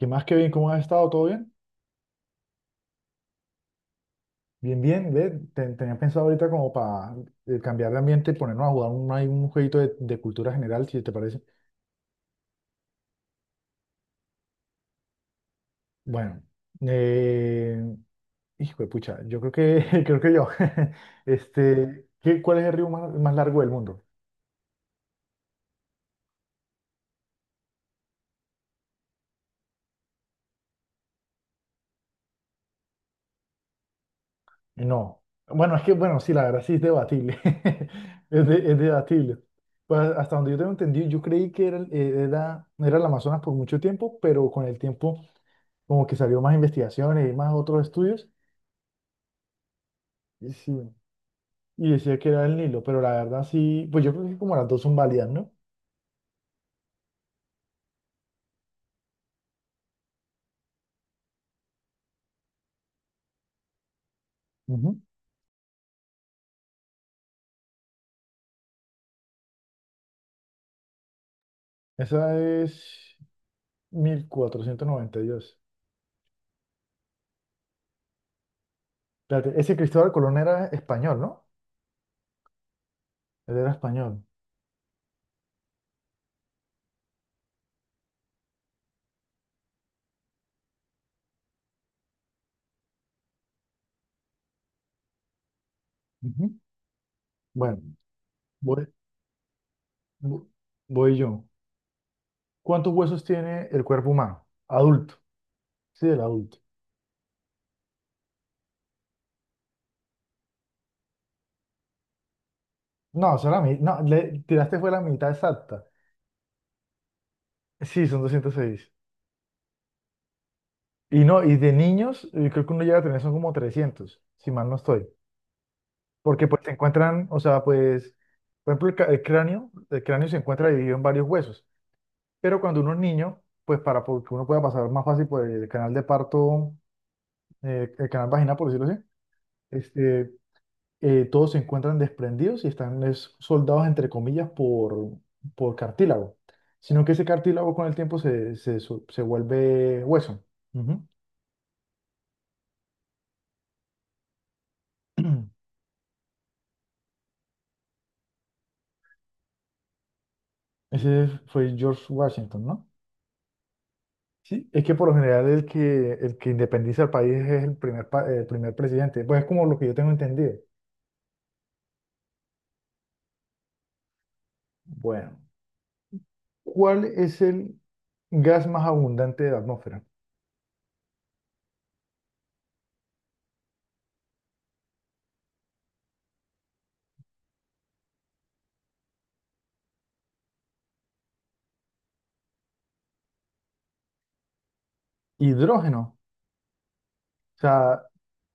¿Qué más, Kevin? ¿Cómo has estado? ¿Todo bien? Bien, bien. Tenía pensado ahorita como para cambiar de ambiente y ponernos a jugar un, ahí un jueguito de cultura general, si te parece. Bueno, eh, hijo de pucha, yo creo que, creo que yo. Este, ¿cuál es el río más largo del mundo? No. Bueno, es que, bueno, sí, la verdad sí es debatible. Es debatible. Pues hasta donde yo tengo entendido, yo creí que era el Amazonas por mucho tiempo, pero con el tiempo como que salió más investigaciones y más otros estudios, y, sí, y decía que era el Nilo, pero la verdad sí, pues yo creo que como las dos son válidas, ¿no? Ujú. Esa es 1492. Espérate, ese Cristóbal Colón era español, ¿no? Él era español. Ujú. Bueno, voy, vo- voy yo. ¿Cuántos huesos tiene el cuerpo humano? Adulto. Sí, el adulto. No, solamente, no, le tiraste fue la mitad exacta. Sí, son 206. Y no, y de niños, creo que uno llega a tener, son como 300 si mal no estoy. Porque pues se encuentran, o sea, pues, por ejemplo, el cráneo se encuentra dividido en varios huesos. Pero cuando uno es niño, pues que uno pueda pasar más fácil por el canal de parto, el canal vaginal, por decirlo así, este, todos se encuentran desprendidos y están es, soldados, entre comillas, por cartílago. Sino que ese cartílago con el tiempo se vuelve hueso. Ujú. Ese fue George Washington, ¿no? Sí, es que por lo general el que independiza el país es el primer presidente. Pues es como lo que yo tengo entendido. Bueno, ¿cuál es el gas más abundante de la atmósfera? Hidrógeno. O sea,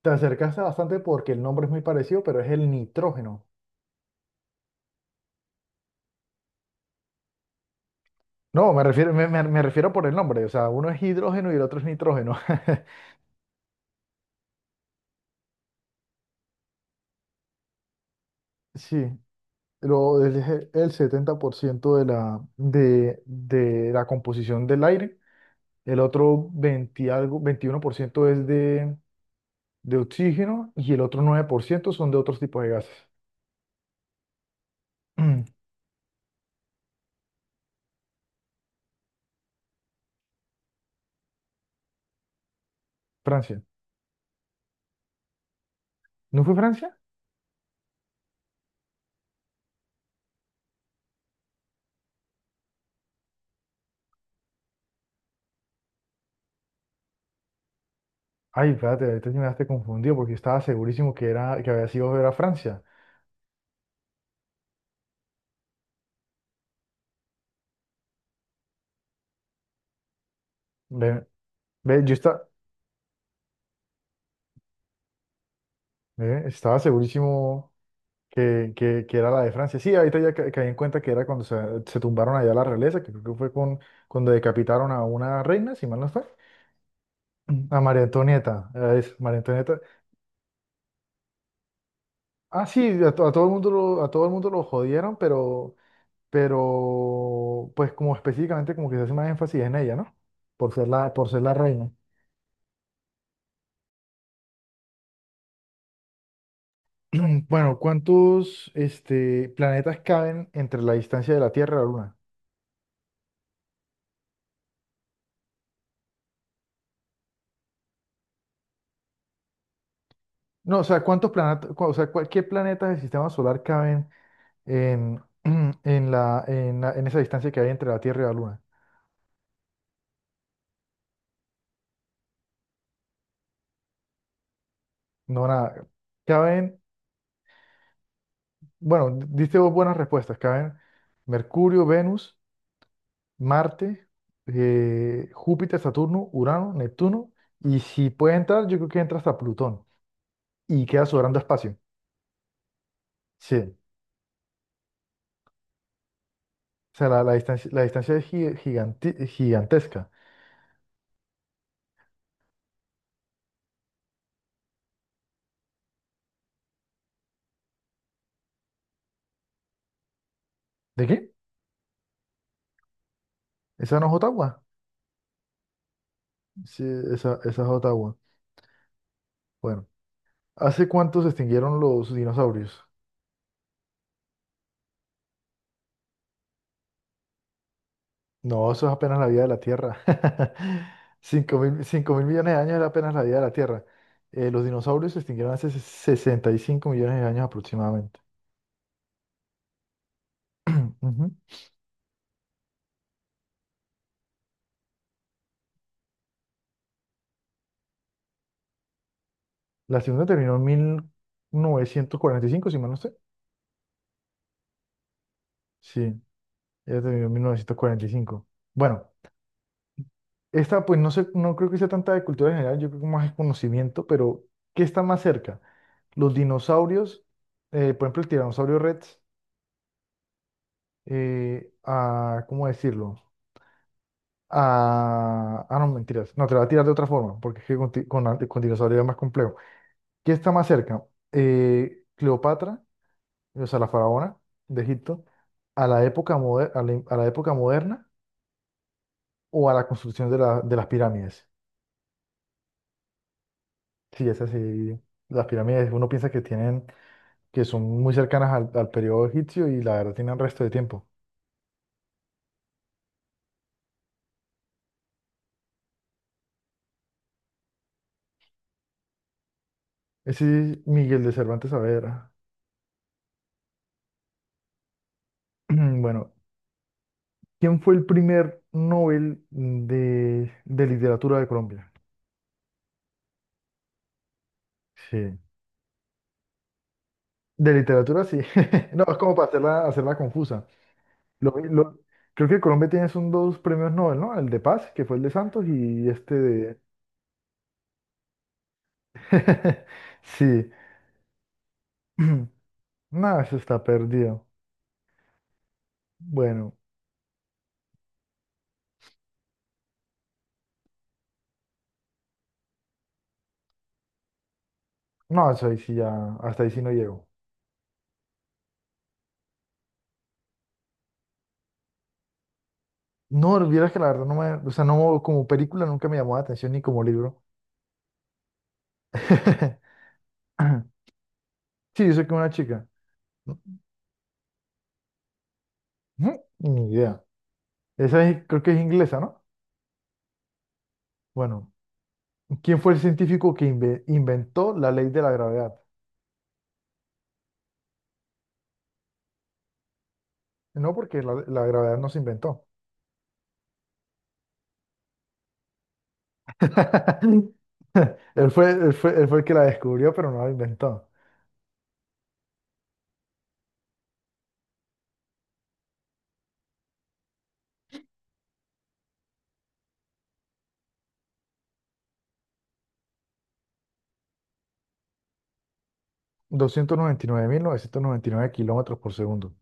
te acercaste bastante porque el nombre es muy parecido, pero es el nitrógeno. No, me refiero, me refiero por el nombre. O sea, uno es hidrógeno y el otro es nitrógeno. Sí, el 70% de la composición del aire. El otro 20 algo, 21% es de oxígeno y el otro 9% son de otros tipos de gases. Francia. ¿No fue Francia? Ay, espérate, ahorita sí me dejaste confundido porque yo estaba segurísimo que había sido ver a Francia. Ve, ve, yo esta- Ve, estaba segurísimo que era la de Francia. Sí, ahorita ya caí en cuenta que era cuando se tumbaron allá la realeza, que creo que fue cuando decapitaron a una reina, si mal no fue. A María Antonieta. Es María Antonieta. Ah, sí, a todo el mundo lo, a todo el mundo lo jodieron, pero, pues como específicamente como que se hace más énfasis en ella, ¿no? Por ser por ser la reina. Bueno, planetas caben entre la distancia de la Tierra a la Luna? No, o sea, ¿cuántos planetas, o sea, cuál- ¿qué planetas del sistema solar caben en, en esa distancia que hay entre la Tierra y la Luna? No, nada. Caben, bueno, diste vos buenas respuestas. Caben Mercurio, Venus. Marte, Júpiter, Saturno, Urano, Neptuno, y si puede entrar, yo creo que entra hasta Plutón y queda sobrando espacio. Sí, o sea, la distancia es gigantesca. ¿De qué? ¿Esa no es Ottawa? Sí, esa es Ottawa. Bueno, ¿hace cuánto se extinguieron los dinosaurios? No, eso es apenas la vida de la Tierra. 5.000 millones de años era apenas la vida de la Tierra. Los dinosaurios se extinguieron hace 65 millones de años aproximadamente. Ujú. La segunda terminó en 1945, si mal no sé. Sí, ella terminó en 1945. Bueno, esta pues no sé, no creo que sea tanta de cultura general, yo creo que más es conocimiento, pero ¿qué está más cerca? Los dinosaurios, por ejemplo, el tiranosaurio Rex, ¿cómo decirlo? No, mentiras, no, te la voy a tirar de otra forma, porque es que con dinosaurio es más complejo. ¿Qué está más cerca? ¿Cleopatra? O sea, la faraona de Egipto, a la época moderna o a la construcción de las pirámides. Sí, es así. Las pirámides uno piensa que tienen, que son muy cercanas al periodo egipcio y la verdad tienen resto de tiempo. Ese es Miguel de Cervantes Saavedra. Bueno, ¿quién fue el primer Nobel de literatura de Colombia? Sí. De literatura, sí. No, es como para hacerla, hacerla confusa. Lo- lo- Creo que Colombia tiene son dos premios Nobel, ¿no? El de Paz, que fue el de Santos, y este de... Sí. Nada, eso está perdido. Bueno, no, eso ahí sí ya, hasta ahí sí no llego. No, vieras que la verdad no me, o sea, no, como película nunca me llamó la atención ni como libro. Sí, yo sé que una chica. Ujú, ni idea. Esa es- creo que es inglesa, ¿no? Bueno, ¿quién fue el científico que inventó la ley de la gravedad? No, porque la gravedad no se inventó. Él fue el que la descubrió, pero no la inventó. Doscientos noventa y nueve mil novecientos noventa y nueve kilómetros por segundo.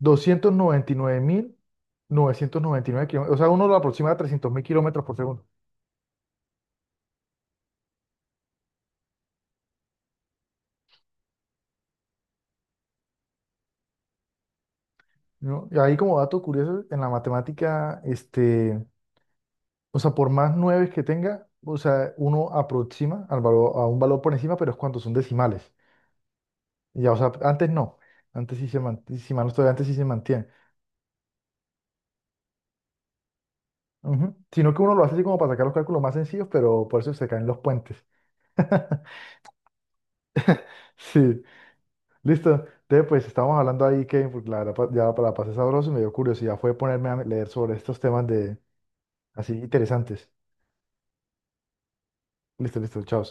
Doscientos noventa y nueve mil novecientos noventa y nueve kilómetros. O sea, uno lo aproxima a 300.000 kilómetros por segundo. ¿No? Y ahí como dato curioso, en la matemática, o sea, por más nueve que tenga, o sea, uno aproxima al valor, a un valor por encima, pero es cuando son decimales. Ya, o sea, antes no. Antes sí se mantiene, antes sí se mantiene. Ujú. Sino que uno lo hace así como para sacar los cálculos más sencillos, pero por eso se caen los puentes. Sí, listo. Entonces, pues estábamos hablando ahí, Kevin, porque la verdad ya para pasar sabroso y me dio curiosidad fue ponerme a leer sobre estos temas de así interesantes. Listo, listo, chao.